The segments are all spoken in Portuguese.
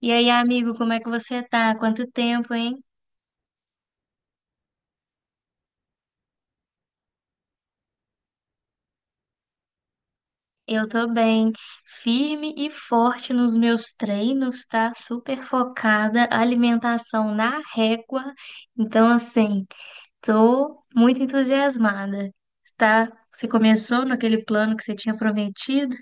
E aí, amigo, como é que você tá? Quanto tempo, hein? Eu tô bem, firme e forte nos meus treinos, tá? Super focada, alimentação na régua. Então, assim, tô muito entusiasmada, tá? Você começou naquele plano que você tinha prometido?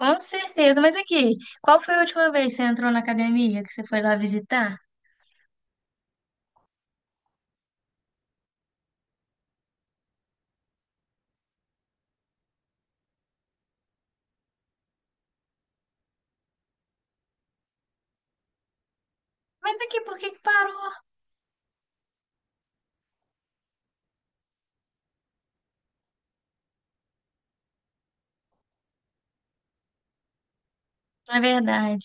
Com certeza, mas aqui, qual foi a última vez que você entrou na academia, que você foi lá visitar? Mas aqui, por que que parou? É verdade.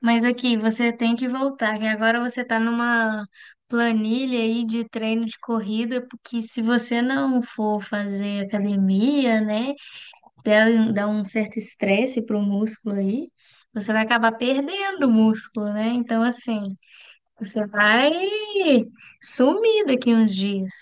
Mas aqui, você tem que voltar, que agora você tá numa planilha aí de treino de corrida, porque se você não for fazer academia, né, dá um certo estresse pro músculo aí, você vai acabar perdendo o músculo, né? Então, assim, você vai sumir daqui uns dias.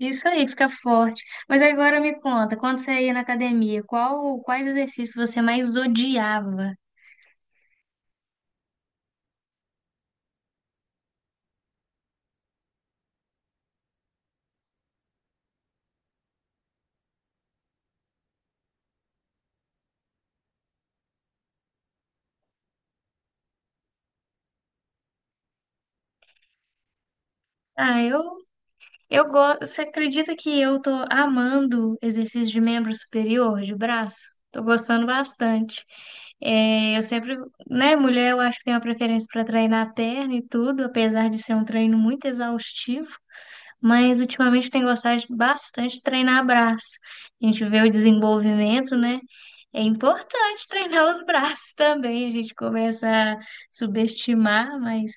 Isso aí, fica forte. Mas agora me conta, quando você ia na academia, quais exercícios você mais odiava? Ah, eu gosto. Você acredita que eu tô amando exercício de membro superior, de braço? Tô gostando bastante. É, eu sempre, né, mulher, eu acho que tem uma preferência para treinar a perna e tudo, apesar de ser um treino muito exaustivo, mas ultimamente eu tenho bastante de treinar braço. A gente vê o desenvolvimento, né? É importante treinar os braços também. A gente começa a subestimar, mas,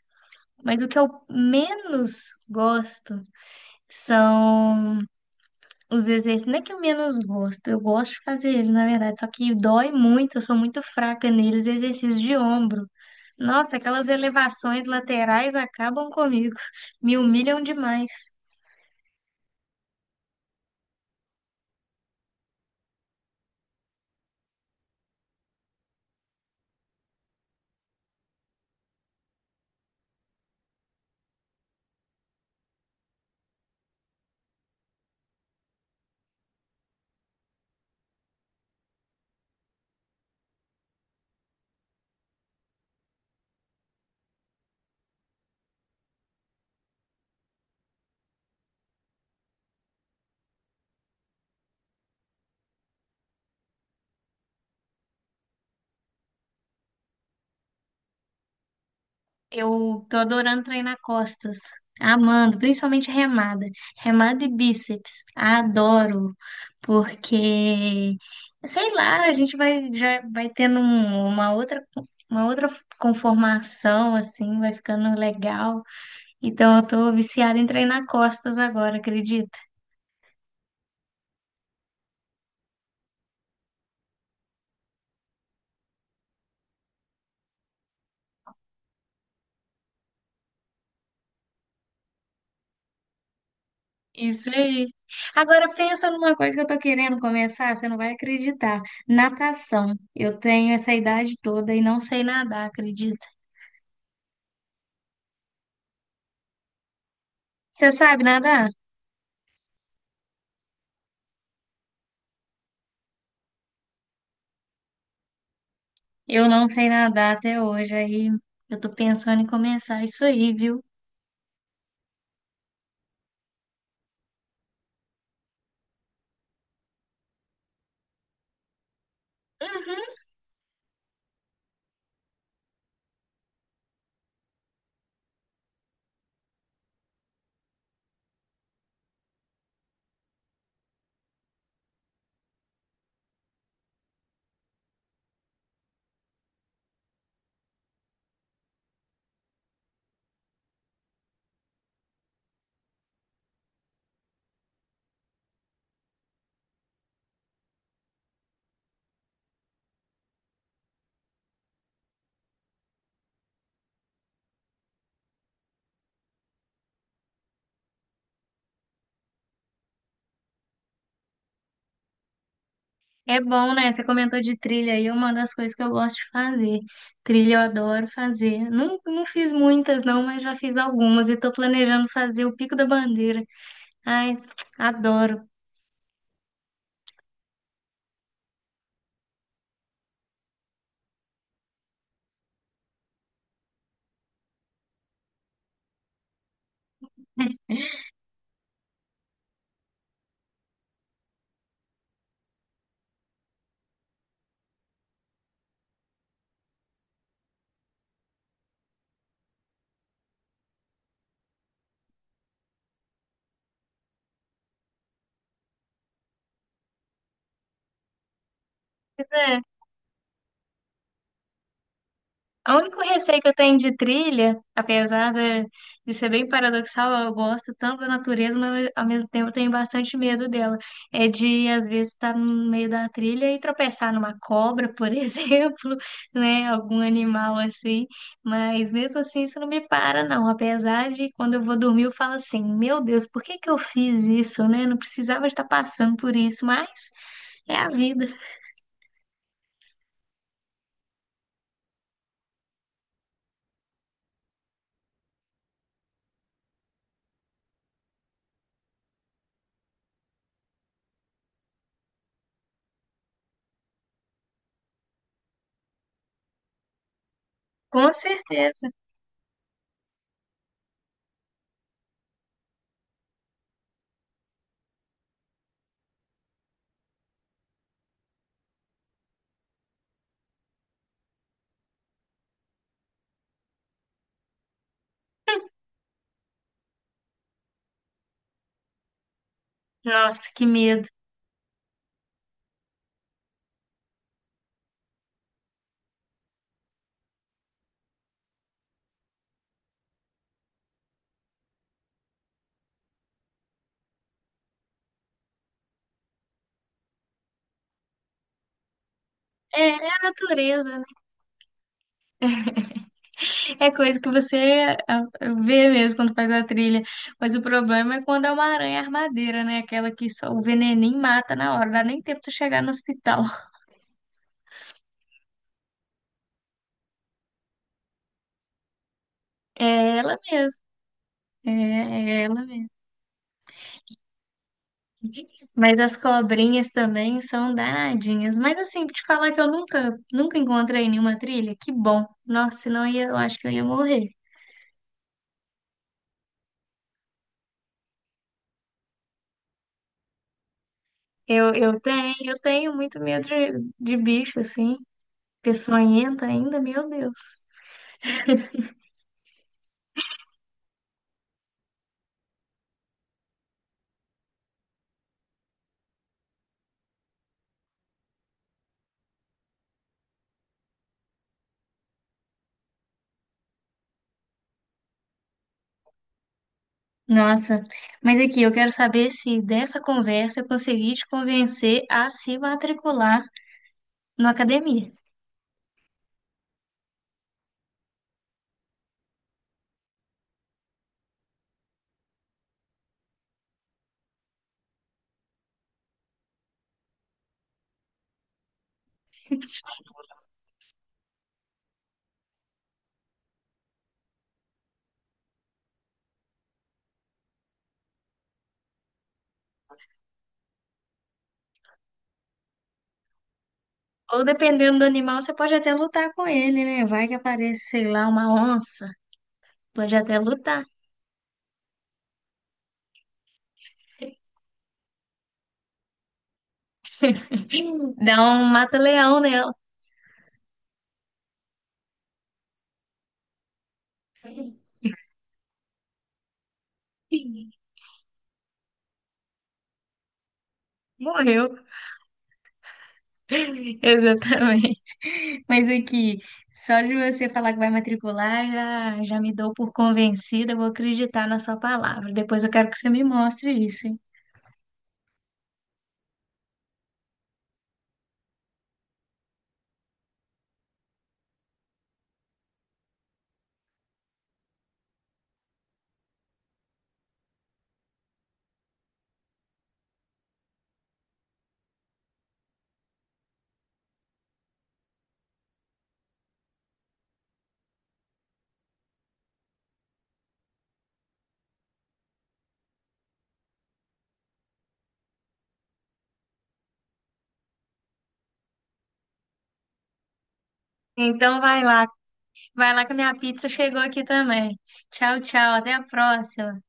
mas o que eu menos gosto são os exercícios, não é que eu menos gosto, eu gosto de fazer eles, na verdade, só que dói muito, eu sou muito fraca neles, exercícios de ombro. Nossa, aquelas elevações laterais acabam comigo, me humilham demais. Eu tô adorando treinar costas, amando, principalmente remada, remada e bíceps, adoro, porque, sei lá, a gente vai, já vai uma outra conformação, assim, vai ficando legal. Então, eu tô viciada em treinar costas agora, acredita? Isso aí. Agora, pensa numa coisa que eu tô querendo começar, você não vai acreditar. Natação. Eu tenho essa idade toda e não sei nadar, acredita? Você sabe nadar? Eu não sei nadar até hoje, aí eu tô pensando em começar isso aí, viu? Uhum. É bom, né? Você comentou de trilha aí, é uma das coisas que eu gosto de fazer. Trilha eu adoro fazer. Não, não fiz muitas, não, mas já fiz algumas e tô planejando fazer o Pico da Bandeira. Ai, adoro. É, o único receio que eu tenho de trilha, apesar de ser bem paradoxal, eu gosto tanto da natureza, mas ao mesmo tempo eu tenho bastante medo dela. É de, às vezes, estar no meio da trilha e tropeçar numa cobra, por exemplo, né? Algum animal assim. Mas mesmo assim, isso não me para, não. Apesar de quando eu vou dormir, eu falo assim: meu Deus, por que que eu fiz isso, né? Não precisava estar passando por isso, mas é a vida. Com certeza. Nossa, que medo. É, é a natureza, né? É coisa que você vê mesmo quando faz a trilha. Mas o problema é quando é uma aranha armadeira, né? Aquela que só o veneninho mata na hora, dá nem tempo de chegar no hospital. É ela mesmo. É ela mesmo. Mas as cobrinhas também são danadinhas. Mas assim, te falar que eu nunca, nunca encontrei nenhuma trilha, que bom. Nossa, senão eu, ia, eu acho que eu ia morrer. Eu tenho muito medo de bicho, assim. Peçonhenta ainda, meu Deus. Nossa, mas aqui eu quero saber se dessa conversa eu consegui te convencer a se matricular na academia. Ou dependendo do animal, você pode até lutar com ele, né? Vai que aparece, sei lá, uma onça. Pode até lutar. Dá um mata-leão nela. Morreu. Exatamente. Mas aqui, só de você falar que vai matricular, já me dou por convencida, eu vou acreditar na sua palavra. Depois eu quero que você me mostre isso, hein? Então vai lá que a minha pizza chegou aqui também. Tchau, tchau, até a próxima.